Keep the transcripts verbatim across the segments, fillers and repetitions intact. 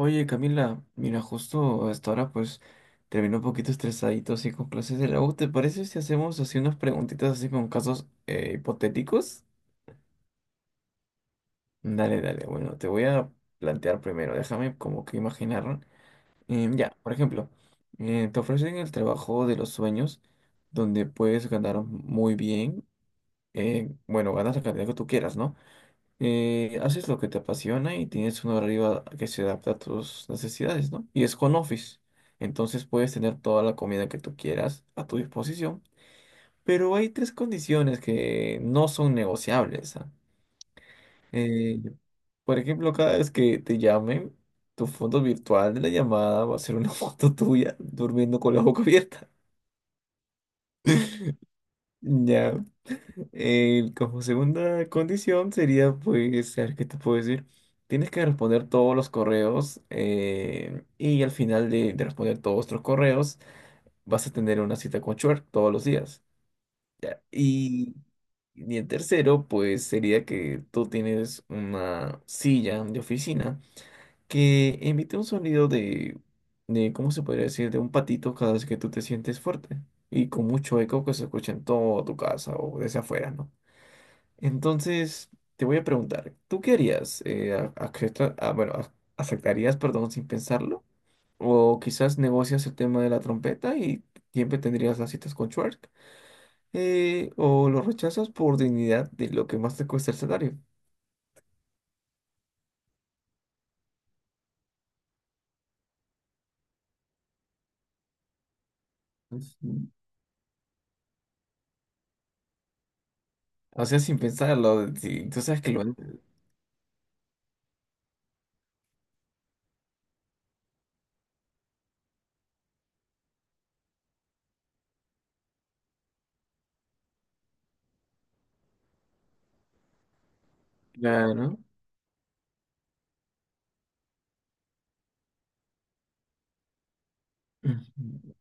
Oye, Camila, mira, justo hasta ahora pues terminó un poquito estresadito así con clases de la U. ¿Te parece si hacemos así unas preguntitas así con casos eh, hipotéticos? Dale, dale, bueno, te voy a plantear primero, déjame como que imaginar. Em, ya, por ejemplo, eh, te ofrecen el trabajo de los sueños donde puedes ganar muy bien, eh, bueno, ganas la cantidad que tú quieras, ¿no? Eh, haces lo que te apasiona y tienes un horario a- que se adapta a tus necesidades, ¿no? Y es con office. Entonces puedes tener toda la comida que tú quieras a tu disposición. Pero hay tres condiciones que no son negociables, ¿ah? Eh, por ejemplo, cada vez que te llamen, tu foto virtual de la llamada va a ser una foto tuya durmiendo con la boca abierta. Ya. Eh, como segunda condición sería, pues, a ver, ¿qué te puedo decir? Tienes que responder todos los correos eh, y al final de, de responder todos tus correos vas a tener una cita con Shrek todos los días. Y, y el tercero, pues, sería que tú tienes una silla de oficina que emite un sonido de, de, ¿cómo se podría decir? De un patito cada vez que tú te sientes fuerte y con mucho eco que se escucha en toda tu casa o desde afuera, ¿no? Entonces, te voy a preguntar, ¿tú qué harías? Eh, a- acepta- ah, bueno, a- ¿aceptarías, perdón, sin pensarlo? ¿O quizás negocias el tema de la trompeta y siempre tendrías las citas con Schwartz? Eh, ¿o lo rechazas por dignidad de lo que más te cuesta el salario? Ujú. O sea, sin pensarlo, si tú sabes que lo... Claro. Ujú.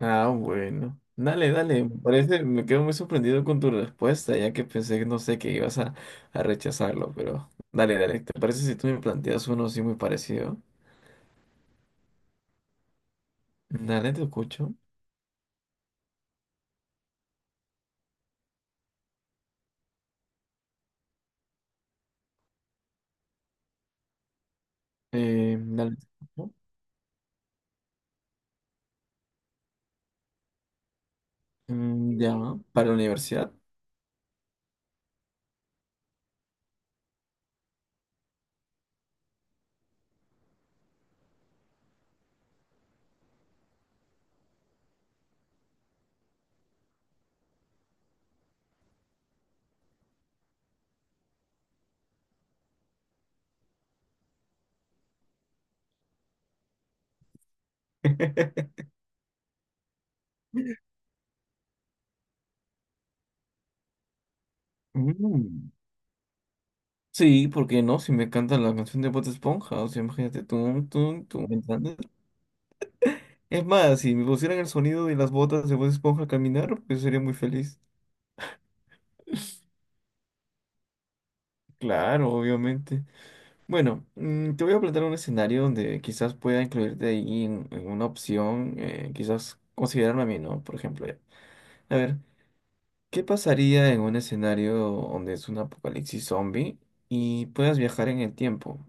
Ah, bueno. Dale, dale. Me parece, me quedo muy sorprendido con tu respuesta, ya que pensé que no sé que ibas a, a rechazarlo, pero dale, dale. ¿Te parece si tú me planteas uno así muy parecido? Dale, te escucho. Eh, dale, te escucho. Mm, ya, para la universidad. Mm, sí, ¿porque no? Si me cantan la canción de Bob Esponja, o sea, imagínate, tú, tú, tú, ¿me entiendes? Es más, si me pusieran el sonido de las botas de Bob Esponja al caminar, pues sería muy feliz. Claro, obviamente. Bueno, mm, te voy a plantear un escenario donde quizás pueda incluirte ahí en, en una opción, eh, quizás considerarme a mí, ¿no? Por ejemplo, ya. A ver, ¿qué pasaría en un escenario donde es un apocalipsis zombie y puedas viajar en el tiempo?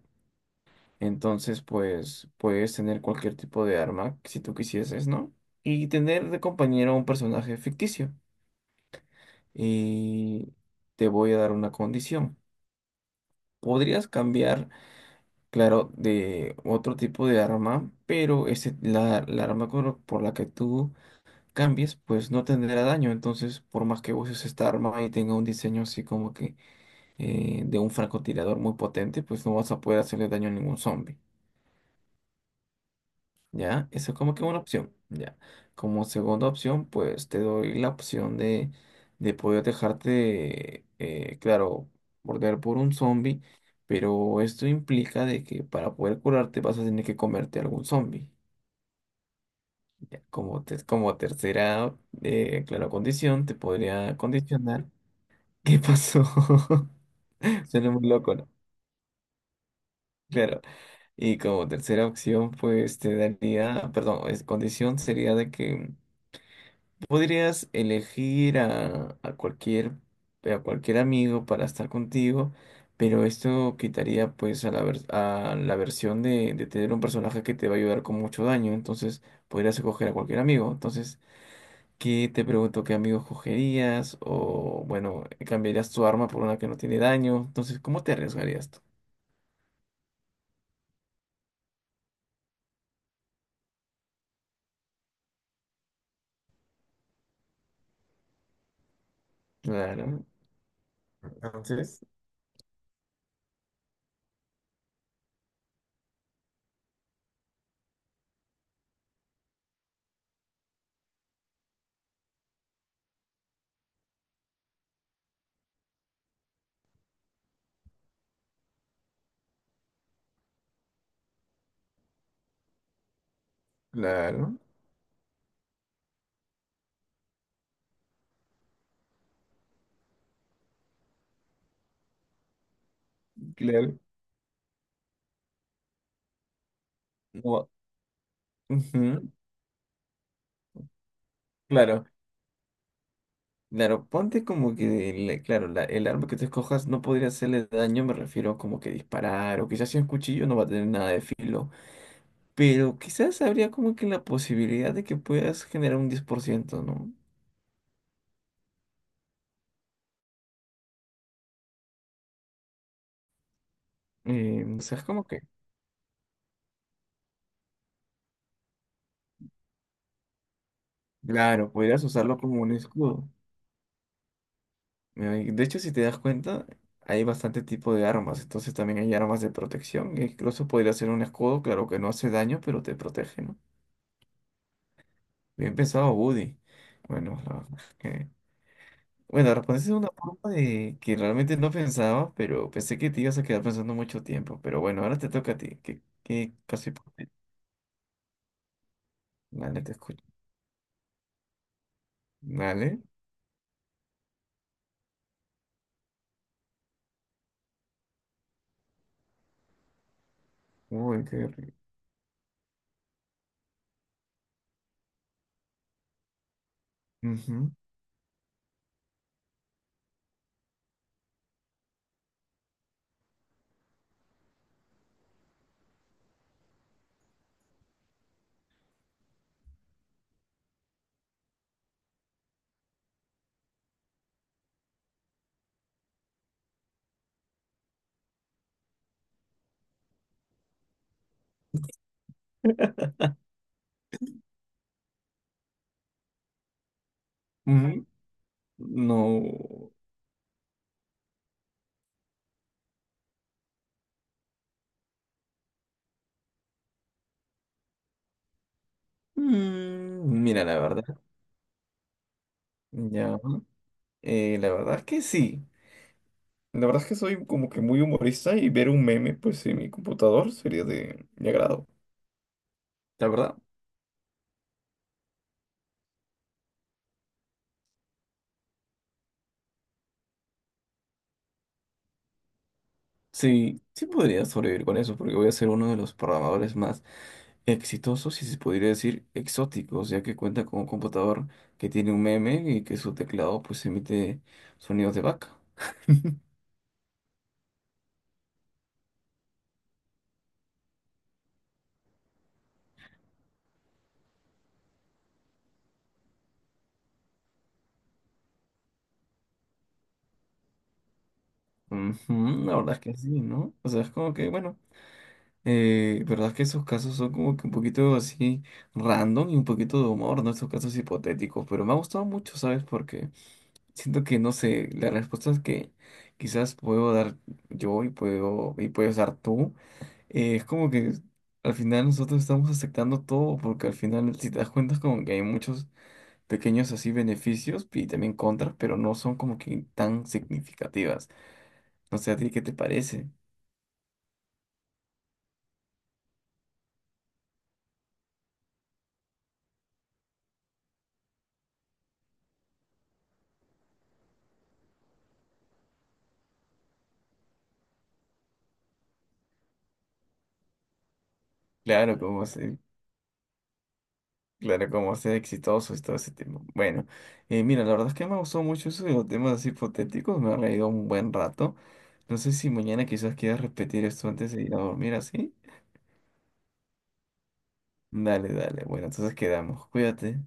Entonces, pues, puedes tener cualquier tipo de arma si tú quisieses, ¿no? Y tener de compañero a un personaje ficticio. Y te voy a dar una condición. Podrías cambiar claro, de otro tipo de arma, pero ese, la, la arma por, por la que tú cambies, pues no tendrá daño. Entonces, por más que uses esta arma y tenga un diseño así como que eh, de un francotirador muy potente, pues no vas a poder hacerle daño a ningún zombie. ¿Ya? Eso es como que una opción, ¿ya? Como segunda opción, pues te doy la opción de, de poder dejarte, eh, claro, morder por un zombie, pero esto implica de que para poder curarte vas a tener que comerte algún zombie. ¿Ya? Como, te- como tercera, eh, claro, condición, te podría condicionar. ¿Qué pasó? Suena muy loco, ¿no? Claro. Y como tercera opción, pues te daría, perdón, es, condición sería de que podrías elegir a, a cualquier, a cualquier amigo para estar contigo, pero esto quitaría pues a la, vers- a la versión de, de tener un personaje que te va a ayudar con mucho daño, entonces podrías escoger a cualquier amigo. Entonces, ¿qué te pregunto qué amigo escogerías? O bueno, cambiarías tu arma por una que no tiene daño. Entonces, ¿cómo te arriesgarías tú? Claro, entonces, claro, claro. No. Ujú. Claro. Claro, ponte como que, el- claro, la- el arma que te escojas no podría hacerle daño, me refiero como que disparar, o quizás si es un cuchillo no va a tener nada de filo, pero quizás habría como que la posibilidad de que puedas generar un diez por ciento, ¿no? Eh, o sea, es como que, claro, podrías usarlo como un escudo. Eh, De hecho, si te das cuenta, hay bastante tipo de armas, entonces también hay armas de protección, e incluso podría ser un escudo, claro que no hace daño, pero te protege, ¿no? Bien pensado, Woody. Bueno, Bueno, respondiste de una forma de que realmente no pensaba, pero pensé que te ibas a quedar pensando mucho tiempo. Pero bueno, ahora te toca a ti. ¿Qué, qué caso hipotético? Dale, te escucho. Dale. Uy, qué horrible. Ujú. Mm, no. Mm, mira, la verdad. Ya. Eh, la verdad es que sí. La verdad es que soy como que muy humorista y ver un meme, pues, en mi computador sería de mi agrado. La verdad. Sí, sí podría sobrevivir con eso, porque voy a ser uno de los programadores más exitosos y se podría decir exóticos, ya que cuenta con un computador que tiene un meme y que su teclado pues emite sonidos de vaca. Ujú, la verdad es que sí, ¿no? O sea, es como que, bueno, eh, verdad es que esos casos son como que un poquito así random y un poquito de humor, ¿no? Estos casos hipotéticos, pero me ha gustado mucho, ¿sabes? Porque siento que, no sé, las respuestas que quizás puedo dar yo y puedo y puedes dar tú. Eh, es como que al final nosotros estamos aceptando todo, porque al final, si te das cuenta, es como que hay muchos pequeños así beneficios y también contras, pero no son como que tan significativas. No sé, ¿a ti qué te parece? Claro, como ser, claro, como ser exitoso y todo ese tema. Bueno, eh, mira, la verdad es que me gustó mucho eso de los temas así hipotéticos, me ha reído un buen rato. No sé si mañana quizás quieras repetir esto antes de ir a dormir así. Dale, dale. Bueno, entonces quedamos. Cuídate.